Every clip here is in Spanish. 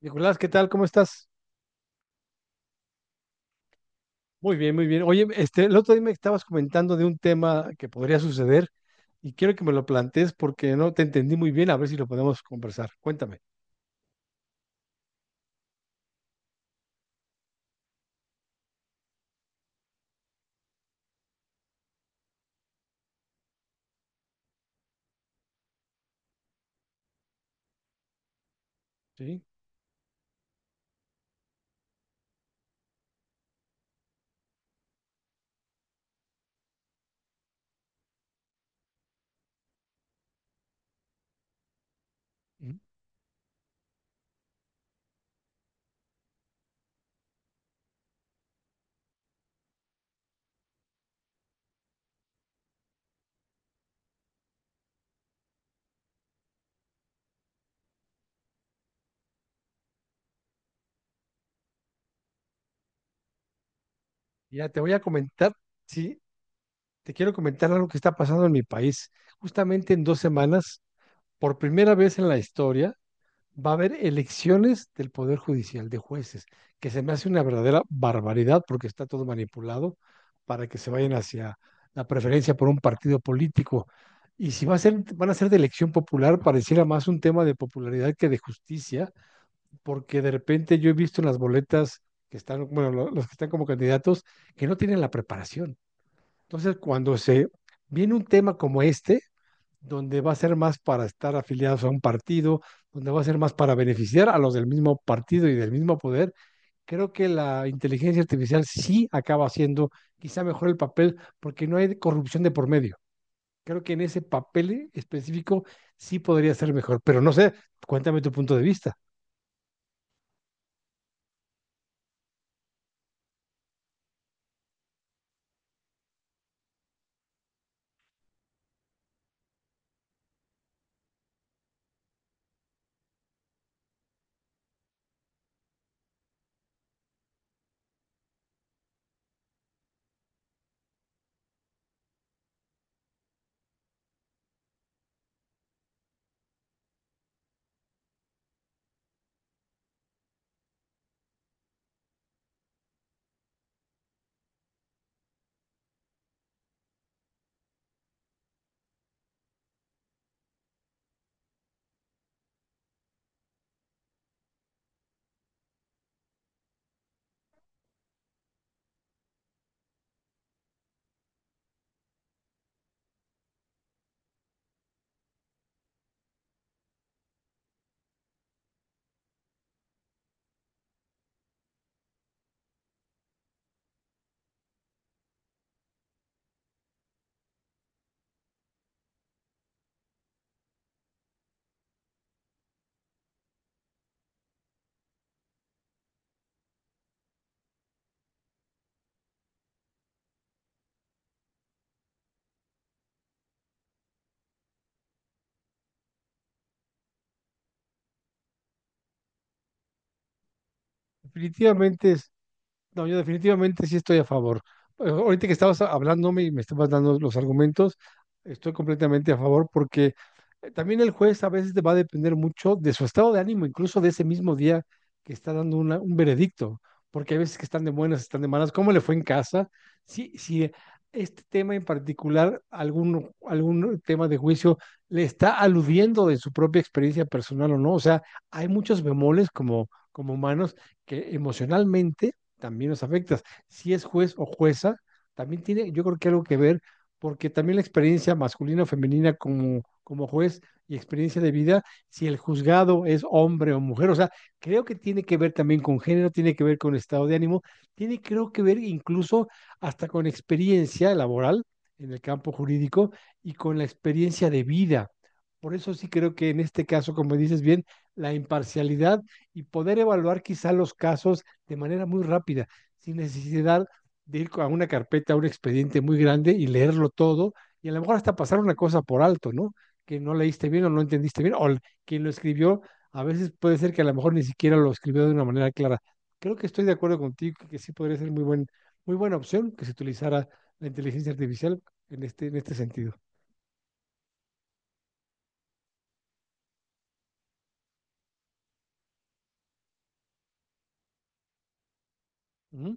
Nicolás, ¿qué tal? ¿Cómo estás? Muy bien, muy bien. Oye, el otro día me estabas comentando de un tema que podría suceder y quiero que me lo plantees porque no te entendí muy bien, a ver si lo podemos conversar. Cuéntame, ¿sí? Ujú. Mira, te voy a comentar, sí, te quiero comentar algo que está pasando en mi país. Justamente en dos semanas, por primera vez en la historia, va a haber elecciones del Poder Judicial de jueces, que se me hace una verdadera barbaridad porque está todo manipulado para que se vayan hacia la preferencia por un partido político. Y si va a ser, van a ser de elección popular, pareciera más un tema de popularidad que de justicia, porque de repente yo he visto en las boletas que están, bueno, los que están como candidatos, que no tienen la preparación. Entonces, cuando se viene un tema como este, donde va a ser más para estar afiliados a un partido, donde va a ser más para beneficiar a los del mismo partido y del mismo poder, creo que la inteligencia artificial sí acaba haciendo quizá mejor el papel porque no hay corrupción de por medio. Creo que en ese papel específico sí podría ser mejor, pero no sé, cuéntame tu punto de vista. Definitivamente no, yo definitivamente sí estoy a favor. Ahorita que estabas hablándome y me estabas dando los argumentos, estoy completamente a favor porque también el juez a veces te va a depender mucho de su estado de ánimo, incluso de ese mismo día que está dando un veredicto, porque hay veces que están de buenas, están de malas, ¿cómo le fue en casa? Si este tema en particular, algún tema de juicio, le está aludiendo de su propia experiencia personal o no. O sea, hay muchos bemoles como, como humanos que emocionalmente también nos afecta. Si es juez o jueza, también tiene, yo creo que algo que ver, porque también la experiencia masculina o femenina como, como juez y experiencia de vida, si el juzgado es hombre o mujer, o sea, creo que tiene que ver también con género, tiene que ver con estado de ánimo, tiene creo que ver incluso hasta con experiencia laboral en el campo jurídico y con la experiencia de vida. Por eso sí creo que en este caso, como dices bien, la imparcialidad y poder evaluar quizá los casos de manera muy rápida, sin necesidad de ir a una carpeta, a un expediente muy grande y leerlo todo, y a lo mejor hasta pasar una cosa por alto, ¿no? Que no leíste bien o no entendiste bien, o quien lo escribió, a veces puede ser que a lo mejor ni siquiera lo escribió de una manera clara. Creo que estoy de acuerdo contigo que sí podría ser muy buena opción que se utilizara la inteligencia artificial en este sentido. Ujú.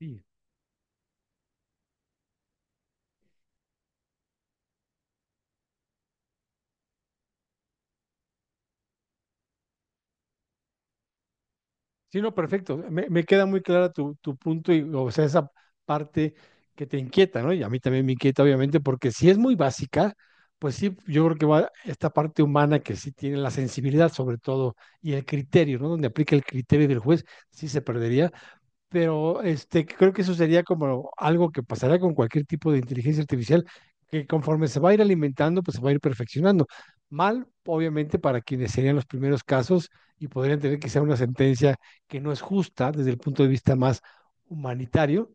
Sí, sí, no, perfecto. Me queda muy clara tu, tu punto y, o sea, esa parte que te inquieta, ¿no? Y a mí también me inquieta, obviamente, porque si es muy básica, pues sí, yo creo que va esta parte humana que sí tiene la sensibilidad, sobre todo, y el criterio, ¿no? Donde aplica el criterio del juez, sí se perdería, pero este, creo que eso sería como algo que pasará con cualquier tipo de inteligencia artificial, que conforme se va a ir alimentando, pues se va a ir perfeccionando. Mal, obviamente, para quienes serían los primeros casos y podrían tener quizá una sentencia que no es justa desde el punto de vista más humanitario,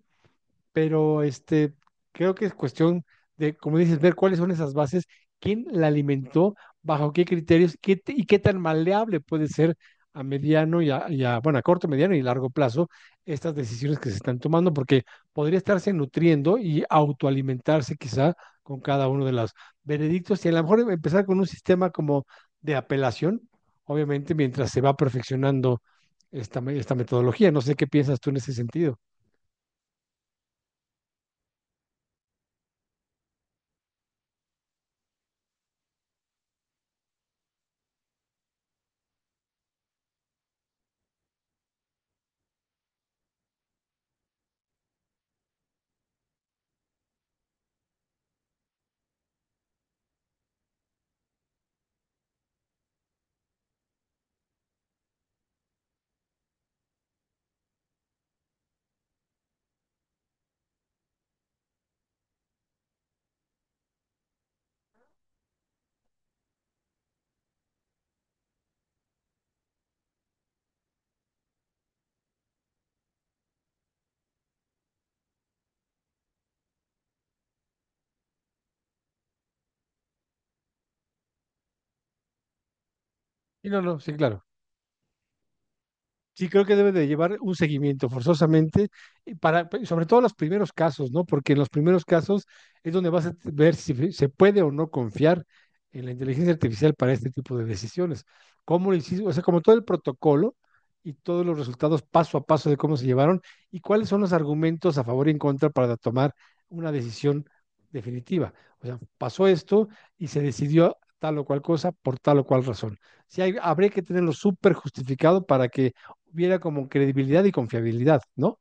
pero este, creo que es cuestión de, como dices, ver cuáles son esas bases, quién la alimentó, bajo qué criterios y qué tan maleable puede ser a mediano y a, bueno, a corto, mediano y largo plazo estas decisiones que se están tomando, porque podría estarse nutriendo y autoalimentarse quizá con cada uno de los veredictos y a lo mejor empezar con un sistema como de apelación, obviamente mientras se va perfeccionando esta, esta metodología. No sé qué piensas tú en ese sentido. Y no, no, sí, claro. Sí, creo que debe de llevar un seguimiento forzosamente, y para, sobre todo los primeros casos, ¿no? Porque en los primeros casos es donde vas a ver si se puede o no confiar en la inteligencia artificial para este tipo de decisiones. ¿Cómo lo hiciste? O sea, como todo el protocolo y todos los resultados paso a paso de cómo se llevaron y cuáles son los argumentos a favor y en contra para tomar una decisión definitiva. O sea, pasó esto y se decidió tal o cual cosa por tal o cual razón. Sí, habría que tenerlo súper justificado para que hubiera como credibilidad y confiabilidad, ¿no?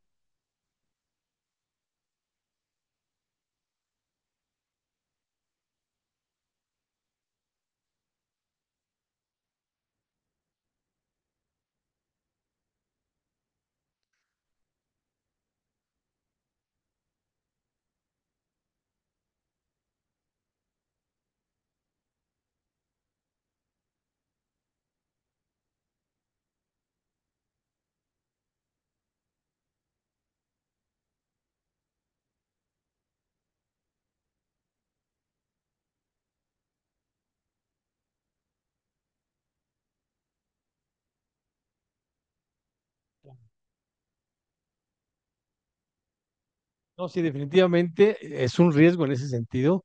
No, sí, definitivamente es un riesgo en ese sentido,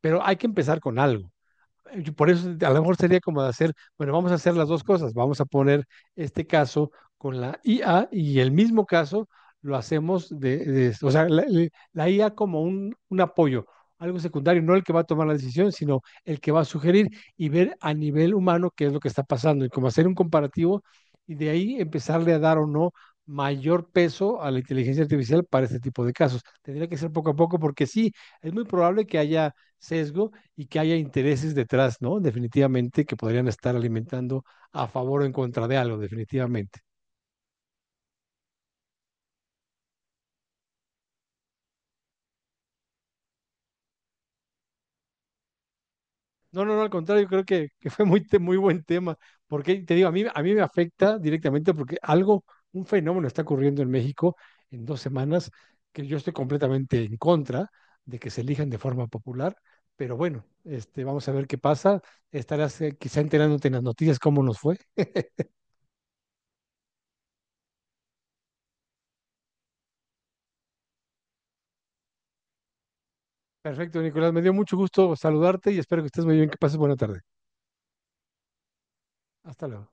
pero hay que empezar con algo. Yo por eso a lo mejor sería como de hacer, bueno, vamos a hacer las dos cosas, vamos a poner este caso con la IA y el mismo caso lo hacemos de, o sea, la IA como un apoyo, algo secundario, no el que va a tomar la decisión, sino el que va a sugerir y ver a nivel humano qué es lo que está pasando y como hacer un comparativo y de ahí empezarle a dar o no mayor peso a la inteligencia artificial para este tipo de casos. Tendría que ser poco a poco porque sí, es muy probable que haya sesgo y que haya intereses detrás, ¿no? Definitivamente que podrían estar alimentando a favor o en contra de algo, definitivamente. No, no, no, al contrario, creo que fue muy buen tema, porque te digo, a mí me afecta directamente porque algo, un fenómeno está ocurriendo en México en dos semanas que yo estoy completamente en contra de que se elijan de forma popular, pero bueno, este, vamos a ver qué pasa. Estarás quizá enterándote en las noticias cómo nos fue. Perfecto, Nicolás, me dio mucho gusto saludarte y espero que estés muy bien, que pases buena tarde. Hasta luego.